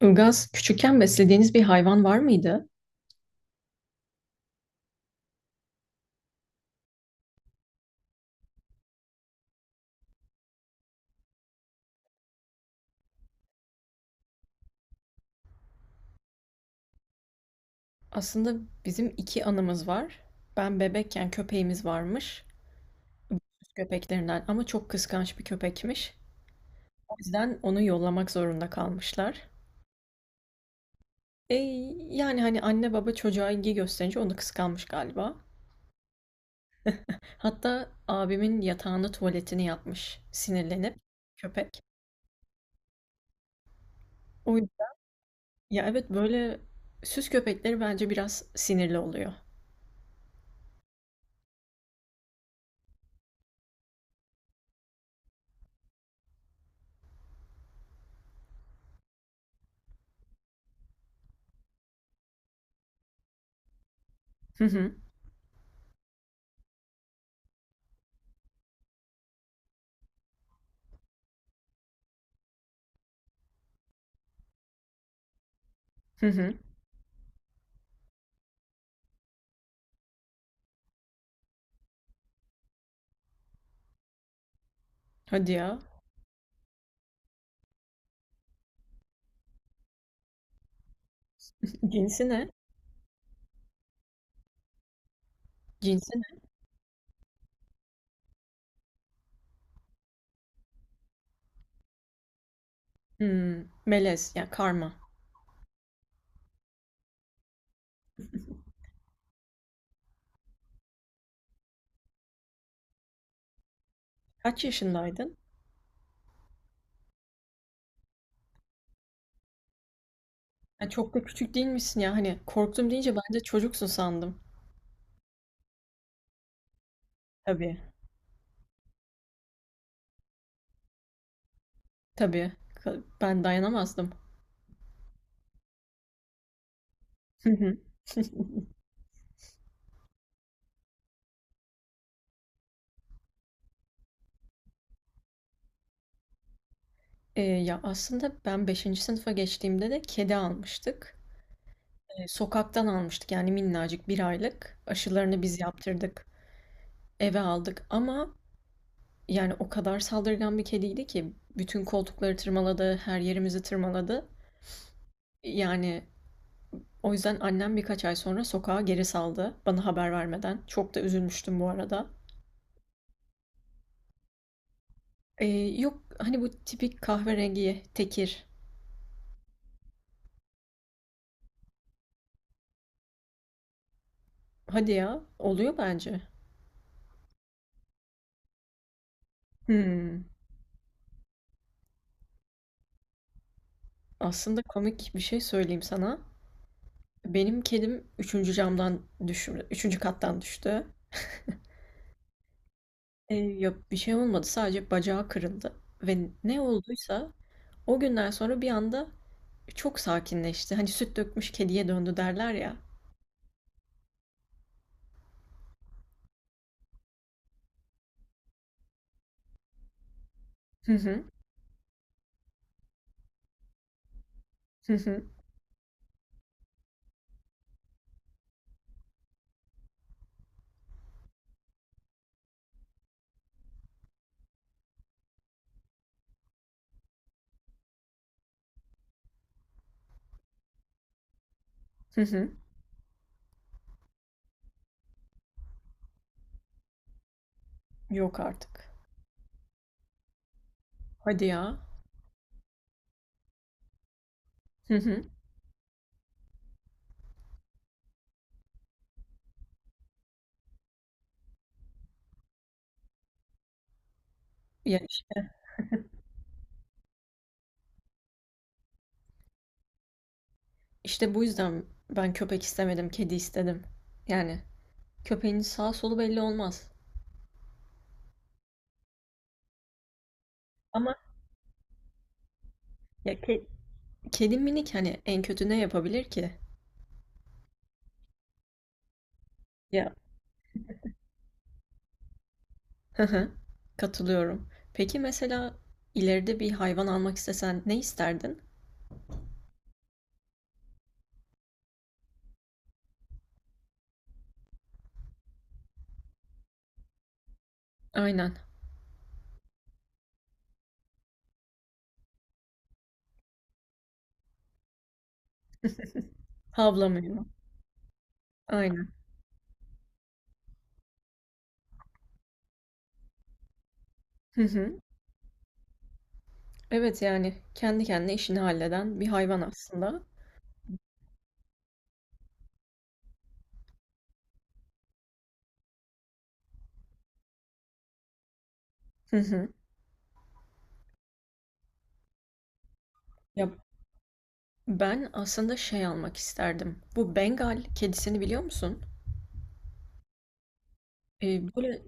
Ilgaz, küçükken beslediğiniz bir hayvan var mıydı? Aslında bizim iki anımız var. Ben bebekken köpeğimiz varmış. Süs köpeklerinden ama çok kıskanç bir köpekmiş. O yüzden onu yollamak zorunda kalmışlar. E, Yani hani anne baba çocuğa ilgi gösterince onu kıskanmış galiba. Hatta abimin yatağında tuvaletini yapmış sinirlenip köpek. O, ya evet böyle süs köpekleri bence biraz sinirli oluyor. Hı hı, hı hı. Hadi ya. Cinsi ne? Cinsi. Hımm, melez, ya, karma. Kaç yaşındaydın? Ya, çok da küçük değilmişsin ya. Hani, korktum deyince bence çocuksun sandım. Tabii, tabii. Ka ben dayanamazdım. Hı hı. Ya, aslında ben beşinci sınıfa geçtiğimde de kedi almıştık. Sokaktan almıştık, yani, minnacık bir aylık. Aşılarını biz yaptırdık, eve aldık ama, yani, o kadar saldırgan bir kediydi ki bütün koltukları tırmaladı, her yerimizi tırmaladı. Yani, o yüzden annem birkaç ay sonra sokağa geri saldı bana haber vermeden. Çok da üzülmüştüm bu arada. Ee, yok hani bu tipik kahverengi tekir. Hadi ya, oluyor bence. Hmm. Aslında komik bir şey söyleyeyim sana. Benim kedim üçüncü camdan düştü. Üçüncü kattan düştü. Ya bir şey olmadı, sadece bacağı kırıldı. Ve ne olduysa o günden sonra bir anda çok sakinleşti. Hani süt dökmüş kediye döndü derler ya. Hı hı, hı hı, hı hı. Yok artık. Hadi ya. Hı hı. Ya işte, işte bu yüzden ben köpek istemedim, kedi istedim. Yani köpeğin sağ solu belli olmaz. Ama ya ke- kedi minik, hani en kötü ne yapabilir ki? Ya. Hı hı. Katılıyorum. Peki mesela ileride bir hayvan almak istesen ne isterdin? Aynen. Havlamıyor mu? Aynen. Hı hı. Evet, yani kendi kendine işini halleden bir hayvan aslında. Hı hı. Ya ben aslında şey almak isterdim. Bu Bengal kedisini biliyor musun? Böyle,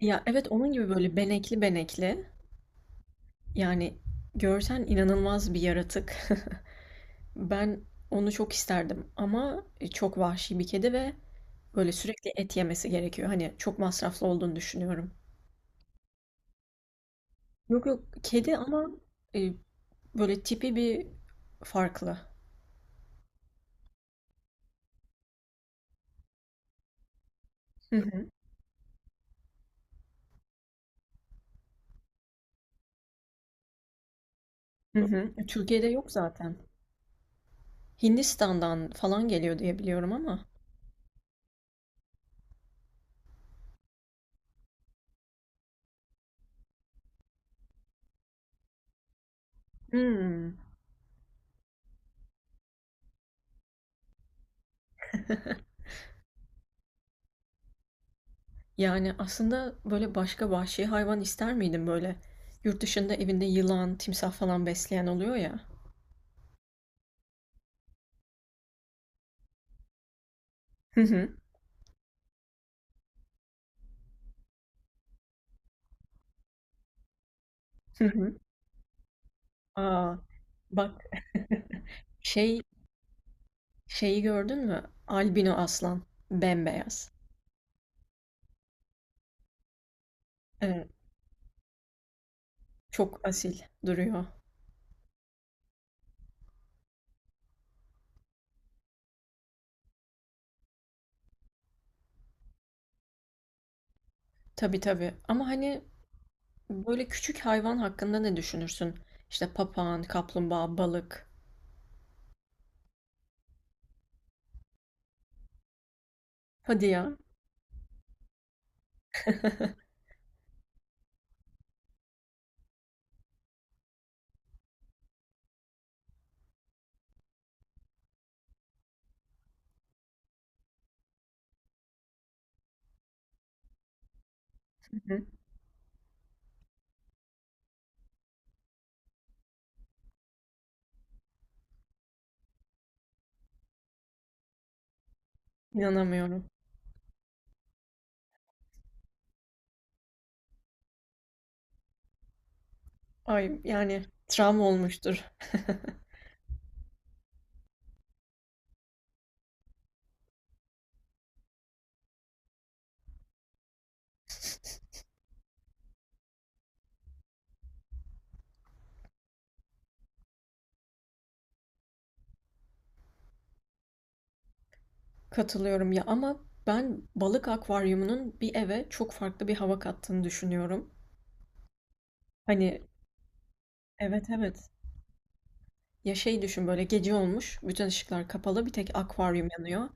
ya evet, onun gibi böyle benekli benekli. Yani görsen inanılmaz bir yaratık. Ben onu çok isterdim ama çok vahşi bir kedi ve böyle sürekli et yemesi gerekiyor. Hani çok masraflı olduğunu düşünüyorum. Yok yok, kedi ama e, böyle tipi bir farklı. Hı hı, hı hı. Türkiye'de yok zaten. Hindistan'dan falan geliyor diye biliyorum ama. Hmm. Yani, aslında, böyle, başka vahşi hayvan ister miydin, böyle? Yurt dışında evinde yılan, timsah falan besleyen oluyor ya. Hı hı. Hı hı. A! Bak, şey şeyi gördün mü? Albino aslan. Bembeyaz. Evet, çok asil duruyor. Tabii, tabii. Ama, hani, böyle, küçük hayvan hakkında ne düşünürsün? İşte, papağan, kaplumbağa, balık. Hadi ya. Hı hı. İnanamıyorum. Ay, yani, travma olmuştur. Katılıyorum ya, ama ben balık akvaryumunun bir eve çok farklı bir hava kattığını düşünüyorum. Hani evet, evet. Ya şey düşün, böyle gece olmuş, bütün ışıklar kapalı, bir tek akvaryum yanıyor.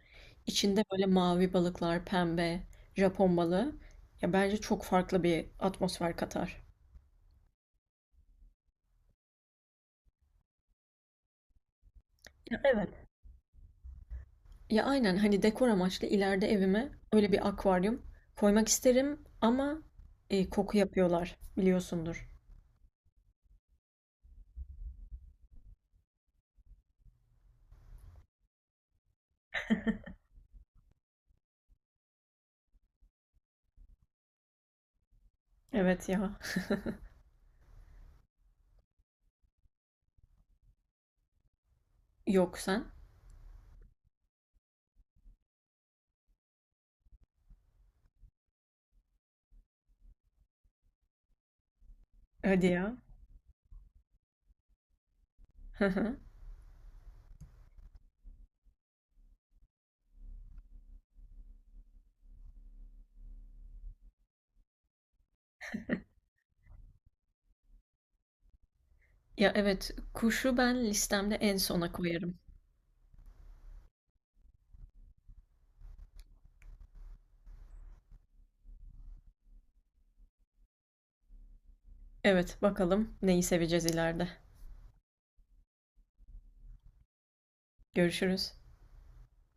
İçinde böyle mavi balıklar, pembe, Japon balığı. Ya bence çok farklı bir atmosfer katar. Ya evet. Ya aynen, hani dekor amaçlı ileride evime öyle bir akvaryum koymak isterim ama koku yapıyorlar biliyorsundur. Evet ya. Yok sen. Hadi ya. Ya, evet, kuşu ben listemde en sona koyarım. Evet, bakalım neyi seveceğiz ileride. Görüşürüz.